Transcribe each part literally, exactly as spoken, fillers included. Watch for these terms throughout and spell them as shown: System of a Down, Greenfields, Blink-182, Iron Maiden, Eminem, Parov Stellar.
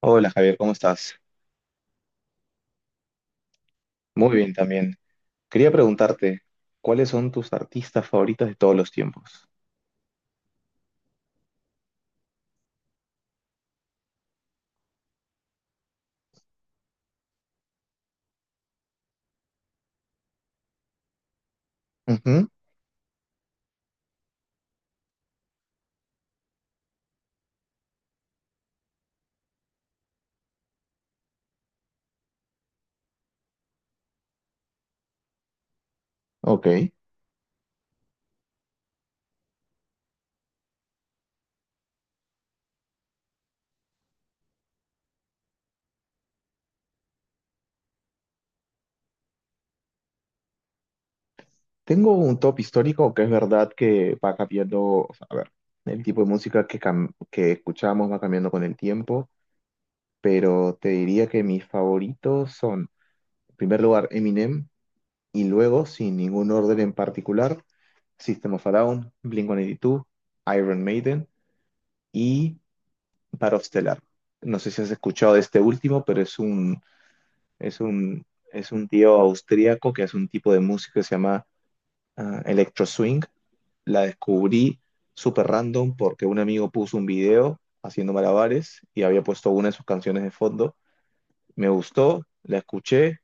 Hola, Javier, ¿cómo estás? Muy bien también. Quería preguntarte, ¿cuáles son tus artistas favoritos de todos los tiempos? Ujú, ok. Tengo un top histórico que es verdad que va cambiando, o sea, a ver, el tipo de música que, cam- que escuchamos va cambiando con el tiempo, pero te diría que mis favoritos son, en primer lugar, Eminem, y luego, sin ningún orden en particular, System of a Down, Blink uno ochenta y dos, Iron Maiden, Paro Stellar. No sé si has escuchado de este último, pero es un, es un, es un tío austríaco que hace un tipo de música que se llama ah, electro swing. La descubrí súper random porque un amigo puso un video haciendo malabares y había puesto una de sus canciones de fondo. Me gustó, la escuché,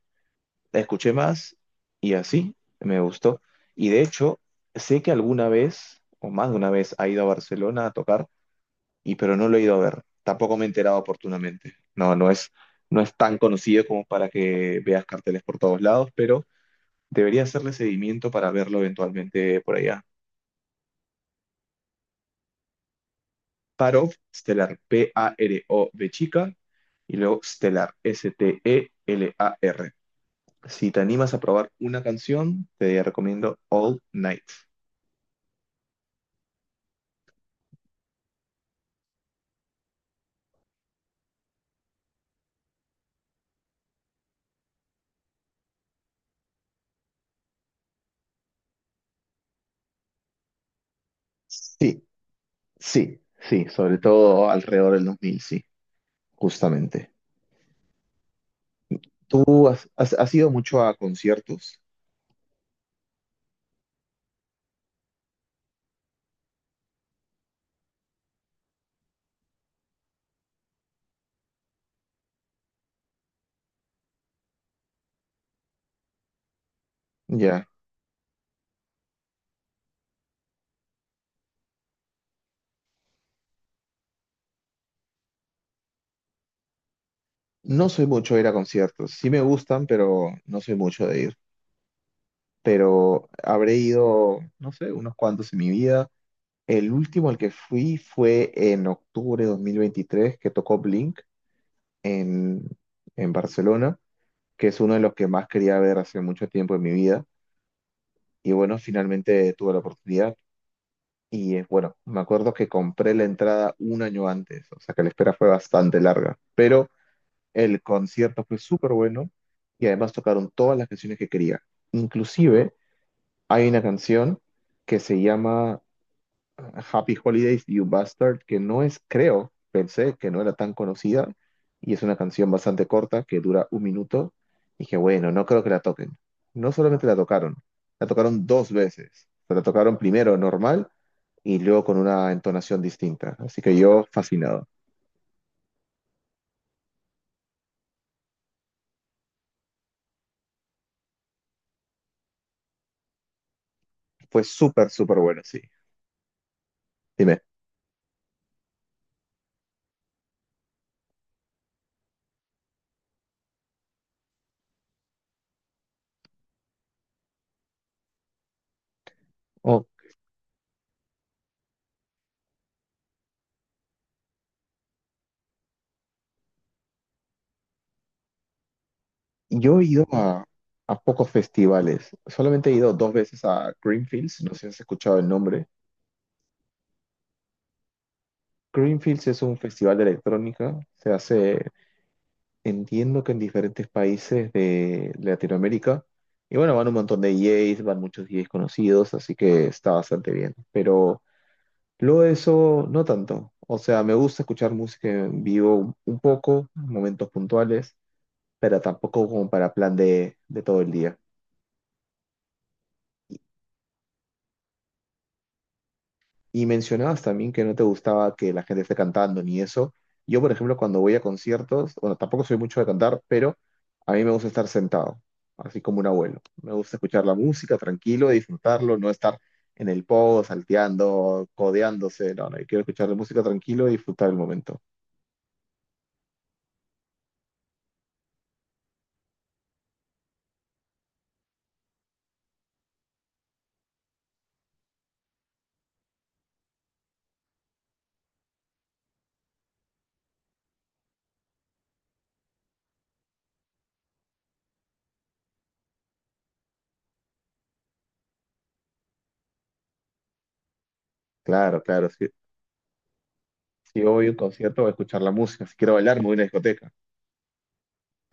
la escuché más y así me gustó. Y de hecho, sé que alguna vez, o más de una vez, ha ido a Barcelona a tocar y pero no lo he ido a ver. Tampoco me he enterado oportunamente. No, no es, no es tan conocido como para que veas carteles por todos lados, pero debería hacerle seguimiento para verlo eventualmente por allá. Parov, Stellar, P A R O V chica, y luego Stellar, S T E L A R. Si te animas a probar una canción, te recomiendo All Night. Sí, sí, sí, sobre todo alrededor del dos mil, sí, justamente. ¿Tú has, has, has ido mucho a conciertos? Ya. No soy mucho de ir a conciertos. Sí me gustan, pero no soy mucho de ir. Pero habré ido, no sé, unos cuantos en mi vida. El último al que fui fue en octubre de dos mil veintitrés, que tocó Blink en, en Barcelona, que es uno de los que más quería ver hace mucho tiempo en mi vida. Y bueno, finalmente tuve la oportunidad. Y eh, bueno, me acuerdo que compré la entrada un año antes, o sea que la espera fue bastante larga. Pero el concierto fue súper bueno y además tocaron todas las canciones que quería. Inclusive hay una canción que se llama Happy Holidays, You Bastard, que no es, creo, pensé que no era tan conocida y es una canción bastante corta que dura un minuto. Dije, bueno, no creo que la toquen. No solamente la tocaron, la tocaron dos veces. La tocaron primero normal y luego con una entonación distinta. Así que yo fascinado. Fue súper, súper bueno, sí. Dime. Ok. Yo he ido a, a pocos festivales. Solamente he ido dos veces a Greenfields, no sé si has escuchado el nombre. Greenfields es un festival de electrónica. Se hace, entiendo que en diferentes países de Latinoamérica. Y bueno, van un montón de D Js, van muchos D Js conocidos, así que está bastante bien. Pero luego de eso, no tanto. O sea, me gusta escuchar música en vivo un poco, en momentos puntuales, pero tampoco como para plan de de todo el día. Y mencionabas también que no te gustaba que la gente esté cantando ni eso. Yo, por ejemplo, cuando voy a conciertos, bueno, tampoco soy mucho de cantar, pero a mí me gusta estar sentado, así como un abuelo. Me gusta escuchar la música tranquilo, disfrutarlo, no estar en el pogo, salteando, codeándose. No, no, yo quiero escuchar la música tranquilo y disfrutar el momento. Claro, claro. Si, si voy a un concierto, voy a escuchar la música. Si quiero bailar, me voy a una discoteca.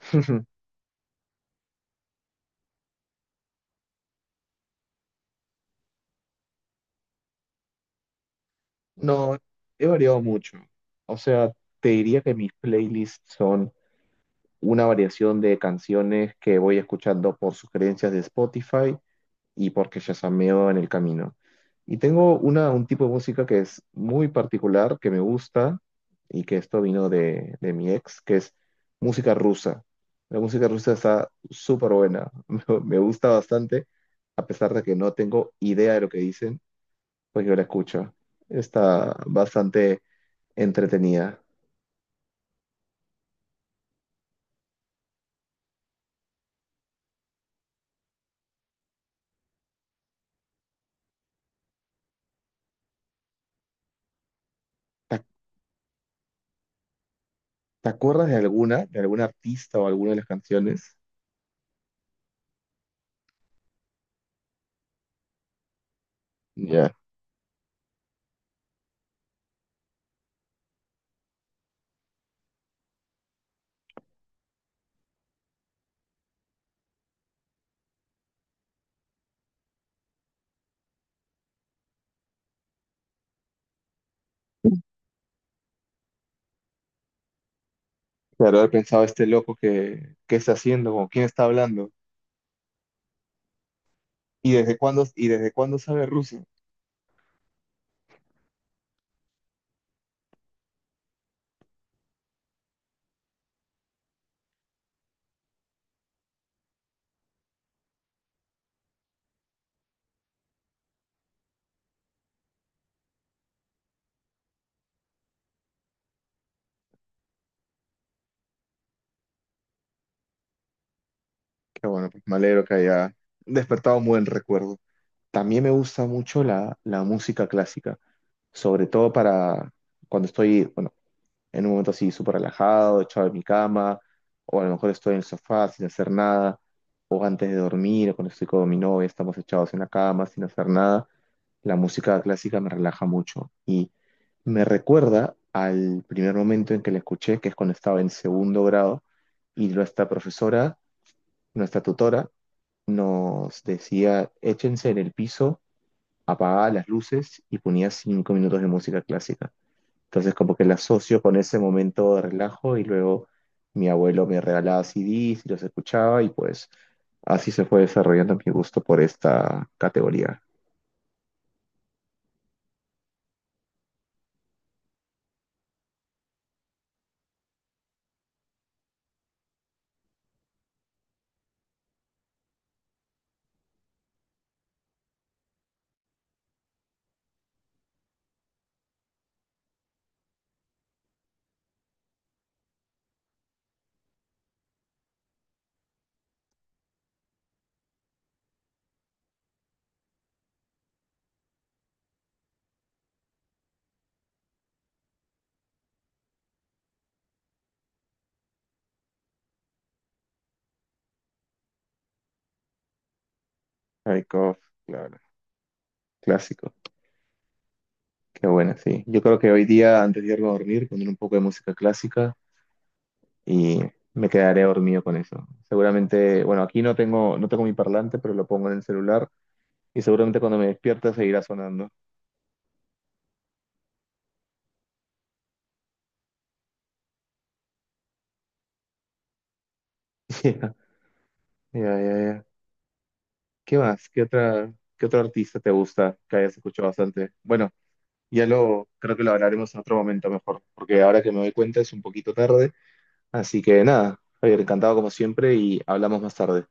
No, he variado mucho. O sea, te diría que mis playlists son una variación de canciones que voy escuchando por sugerencias de Spotify y porque yazameo en el camino. Y tengo una, un tipo de música que es muy particular, que me gusta y que esto vino de, de mi ex, que es música rusa. La música rusa está súper buena, me me gusta bastante, a pesar de que no tengo idea de lo que dicen, pues yo la escucho. Está bastante entretenida. ¿Te, te acuerdas de alguna, de algún artista o alguna de las canciones? Ya, claro, haber pensado este loco que, qué está haciendo, con quién está hablando y desde cuándo y desde cuándo sabe ruso. Qué bueno, pues me alegro que haya despertado un buen recuerdo. También me gusta mucho la, la música clásica, sobre todo para cuando estoy, bueno, en un momento así súper relajado, echado en mi cama, o a lo mejor estoy en el sofá sin hacer nada antes de dormir o cuando estoy con mi novia, estamos echados en la cama sin hacer nada, la música clásica me relaja mucho y me recuerda al primer momento en que la escuché, que es cuando estaba en segundo grado y nuestra profesora, nuestra tutora, nos decía, échense en el piso, apagaba las luces y ponía cinco minutos de música clásica. Entonces como que la asocio con ese momento de relajo y luego mi abuelo me regalaba C Ds y los escuchaba y pues así se fue desarrollando mi gusto por esta categoría. Rykov, claro, clásico, qué buena, sí. Yo creo que hoy día antes de irme a dormir poner un poco de música clásica y me quedaré dormido con eso. Seguramente, bueno, aquí no tengo, no tengo mi parlante, pero lo pongo en el celular y seguramente cuando me despierta seguirá sonando. Ya, ya, ya, ya. ¿Qué más? ¿Qué otra, qué otro artista te gusta que hayas escuchado bastante? Bueno, ya lo, creo que lo hablaremos en otro momento mejor, porque ahora que me doy cuenta es un poquito tarde. Así que nada, Javier, encantado como siempre y hablamos más tarde.